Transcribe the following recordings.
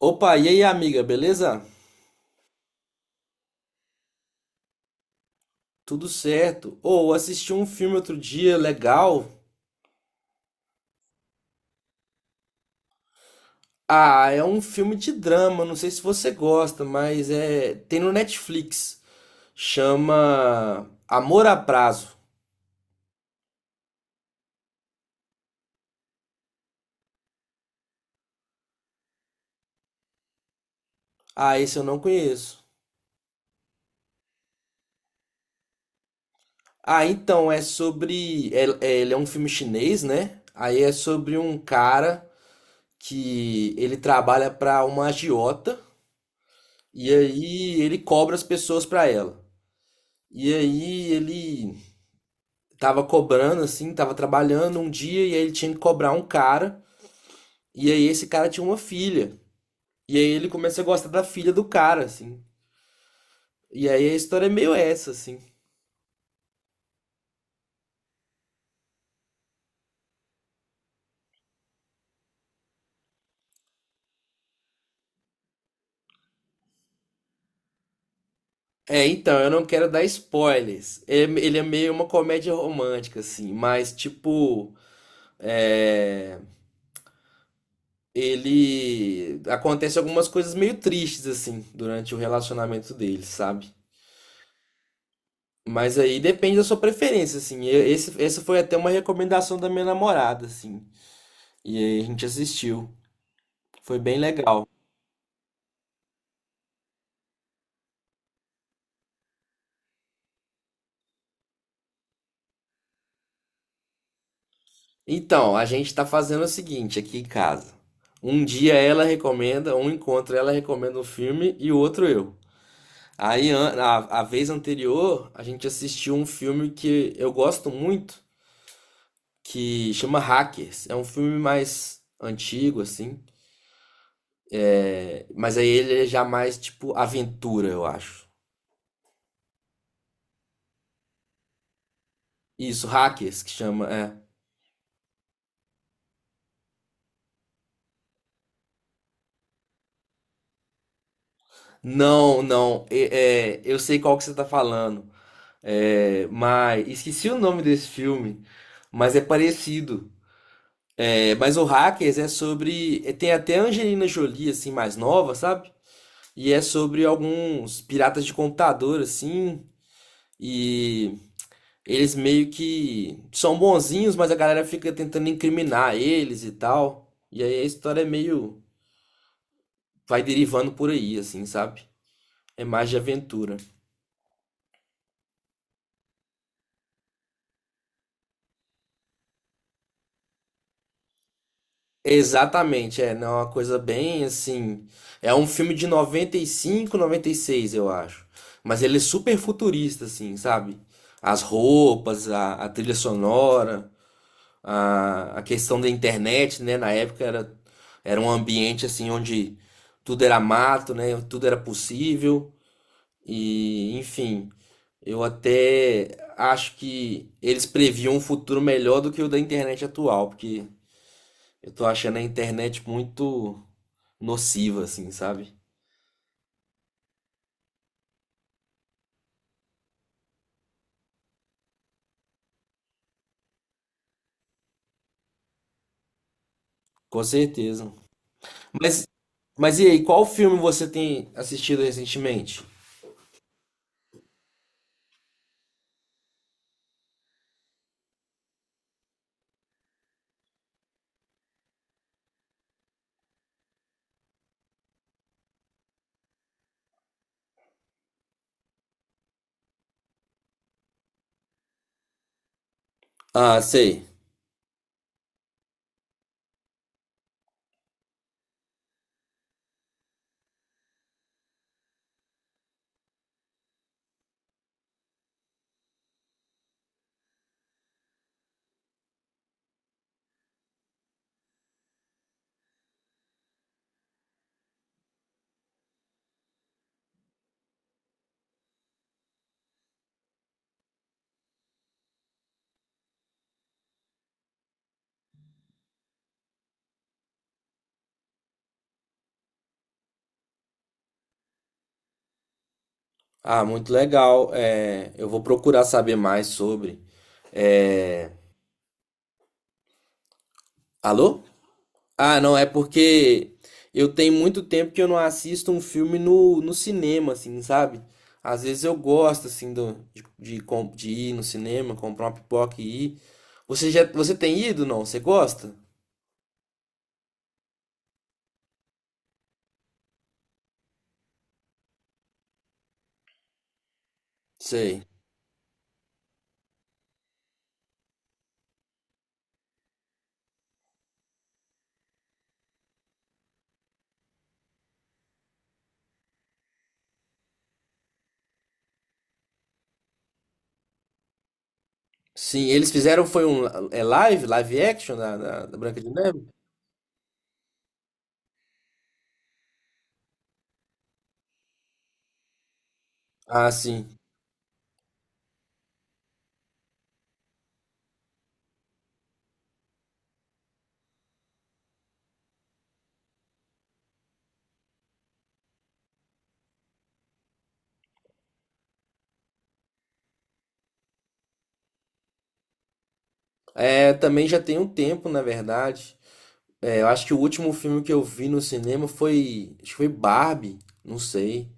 Opa, e aí, amiga, beleza? Tudo certo? Assisti um filme outro dia, legal. Ah, é um filme de drama, não sei se você gosta, mas é, tem no Netflix. Chama Amor a Prazo. Ah, esse eu não conheço. Ah, então é sobre, ele é um filme chinês, né? Aí é sobre um cara que ele trabalha para uma agiota e aí ele cobra as pessoas para ela. E aí ele tava cobrando, assim, tava trabalhando um dia e aí ele tinha que cobrar um cara. E aí esse cara tinha uma filha. E aí ele começa a gostar da filha do cara, assim. E aí a história é meio essa, assim. É, então, eu não quero dar spoilers. Ele é meio uma comédia romântica, assim, mas tipo. É... Ele. Acontece algumas coisas meio tristes, assim, durante o relacionamento deles, sabe? Mas aí depende da sua preferência, assim. Essa foi até uma recomendação da minha namorada, assim. E aí a gente assistiu. Foi bem legal. Então, a gente tá fazendo o seguinte aqui em casa. Um encontro ela recomenda um filme e o outro eu. Aí, a vez anterior, a gente assistiu um filme que eu gosto muito, que chama Hackers. É um filme mais antigo, assim. Mas aí ele é já mais tipo aventura, eu acho. Isso, Hackers que chama, é. Não, não, eu sei qual que você tá falando. É, mas esqueci o nome desse filme, mas é parecido. É, mas o Hackers é sobre. Tem até a Angelina Jolie, assim, mais nova, sabe? E é sobre alguns piratas de computador, assim. E eles meio que são bonzinhos, mas a galera fica tentando incriminar eles e tal. E aí a história é meio, vai derivando por aí, assim, sabe? É mais de aventura. Exatamente, é, não, é uma coisa bem assim. É um filme de 95 96, eu acho. Mas ele é super futurista, assim, sabe? As roupas, a trilha sonora, a questão da internet, né? Na época era um ambiente assim onde tudo era mato, né? Tudo era possível. E, enfim, eu até acho que eles previam um futuro melhor do que o da internet atual, porque eu tô achando a internet muito nociva, assim, sabe? Com certeza. Mas, mas e aí, qual filme você tem assistido recentemente? Ah, sei. Ah, muito legal. É, eu vou procurar saber mais sobre. É, Alô? Ah, não, é porque eu tenho muito tempo que eu não assisto um filme no cinema, assim, sabe? Às vezes eu gosto, assim, do, de, com- de ir no cinema, comprar uma pipoca e ir. Você tem ido, não? Você gosta? Sei. Sim, eles fizeram foi um live action da Branca de Neve? Ah, sim. É, também já tem um tempo, na verdade. É, eu acho que o último filme que eu vi no cinema foi, acho que foi Barbie, não sei.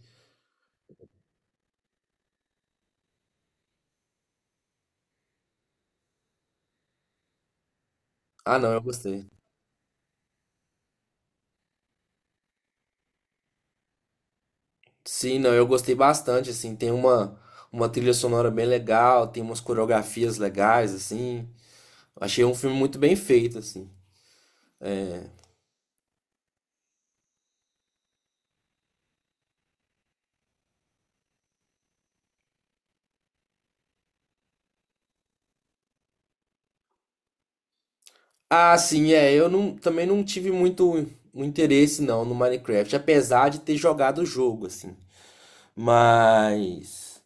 Ah, não, eu gostei. Sim, não, eu gostei bastante, assim, tem uma trilha sonora bem legal, tem umas coreografias legais, assim. Achei um filme muito bem feito, assim. Ah, sim, é. Eu não, também não tive muito o interesse não no Minecraft, apesar de ter jogado o jogo, assim. Mas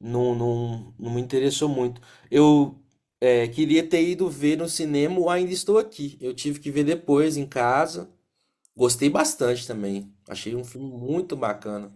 não, não, não me interessou muito. Eu queria ter ido ver no cinema o Ainda Estou Aqui. Eu tive que ver depois em casa. Gostei bastante também. Achei um filme muito bacana.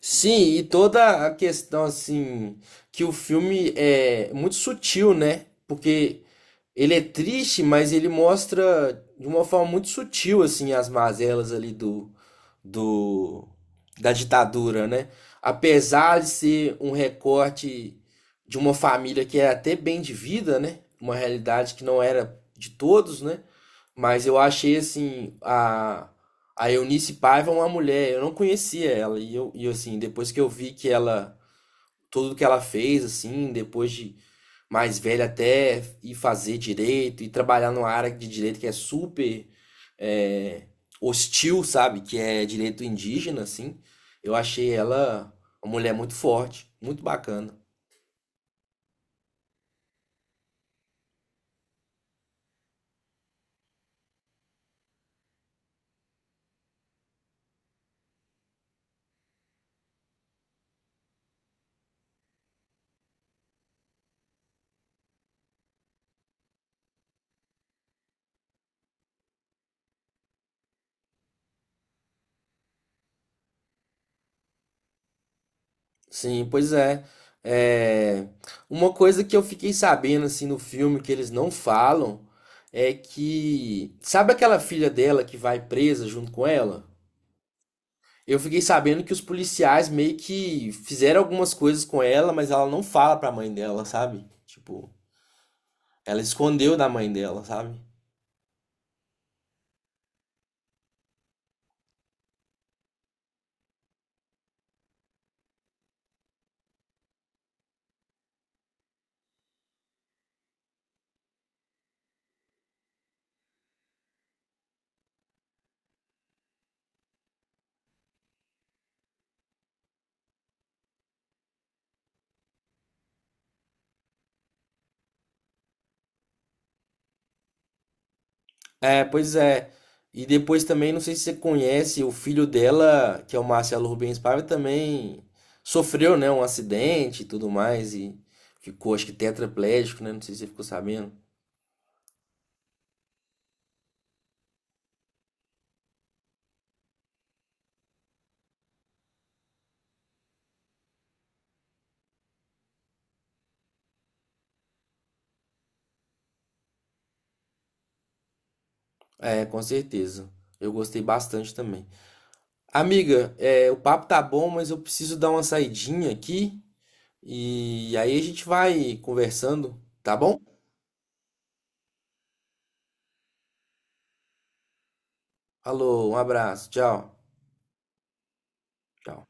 Sim, e toda a questão assim que o filme é muito sutil, né? Porque ele é triste, mas ele mostra de uma forma muito sutil assim as mazelas ali do, do da ditadura, né? Apesar de ser um recorte de uma família que era até bem de vida, né? Uma realidade que não era de todos, né? Mas eu achei assim a Eunice Paiva uma mulher, eu não conhecia ela e eu e assim, depois que eu vi que ela tudo que ela fez assim, depois de mais velha até ir fazer direito e trabalhar numa área de direito que é super é, hostil, sabe? Que é direito indígena, assim. Eu achei ela uma mulher muito forte, muito bacana. Sim, pois é. É, Uma coisa que eu fiquei sabendo, assim, no filme que eles não falam é que. Sabe aquela filha dela que vai presa junto com ela? Eu fiquei sabendo que os policiais meio que fizeram algumas coisas com ela, mas ela não fala pra mãe dela, sabe? Tipo, ela escondeu da mãe dela, sabe? É, pois é. E depois também, não sei se você conhece, o filho dela, que é o Marcelo Rubens Paiva, também sofreu, né, um acidente e tudo mais, e ficou, acho que tetraplégico, né? Não sei se você ficou sabendo. É, com certeza. Eu gostei bastante também. Amiga, o papo tá bom, mas eu preciso dar uma saidinha aqui. E aí a gente vai conversando, tá bom? Falou, um abraço, tchau. Tchau.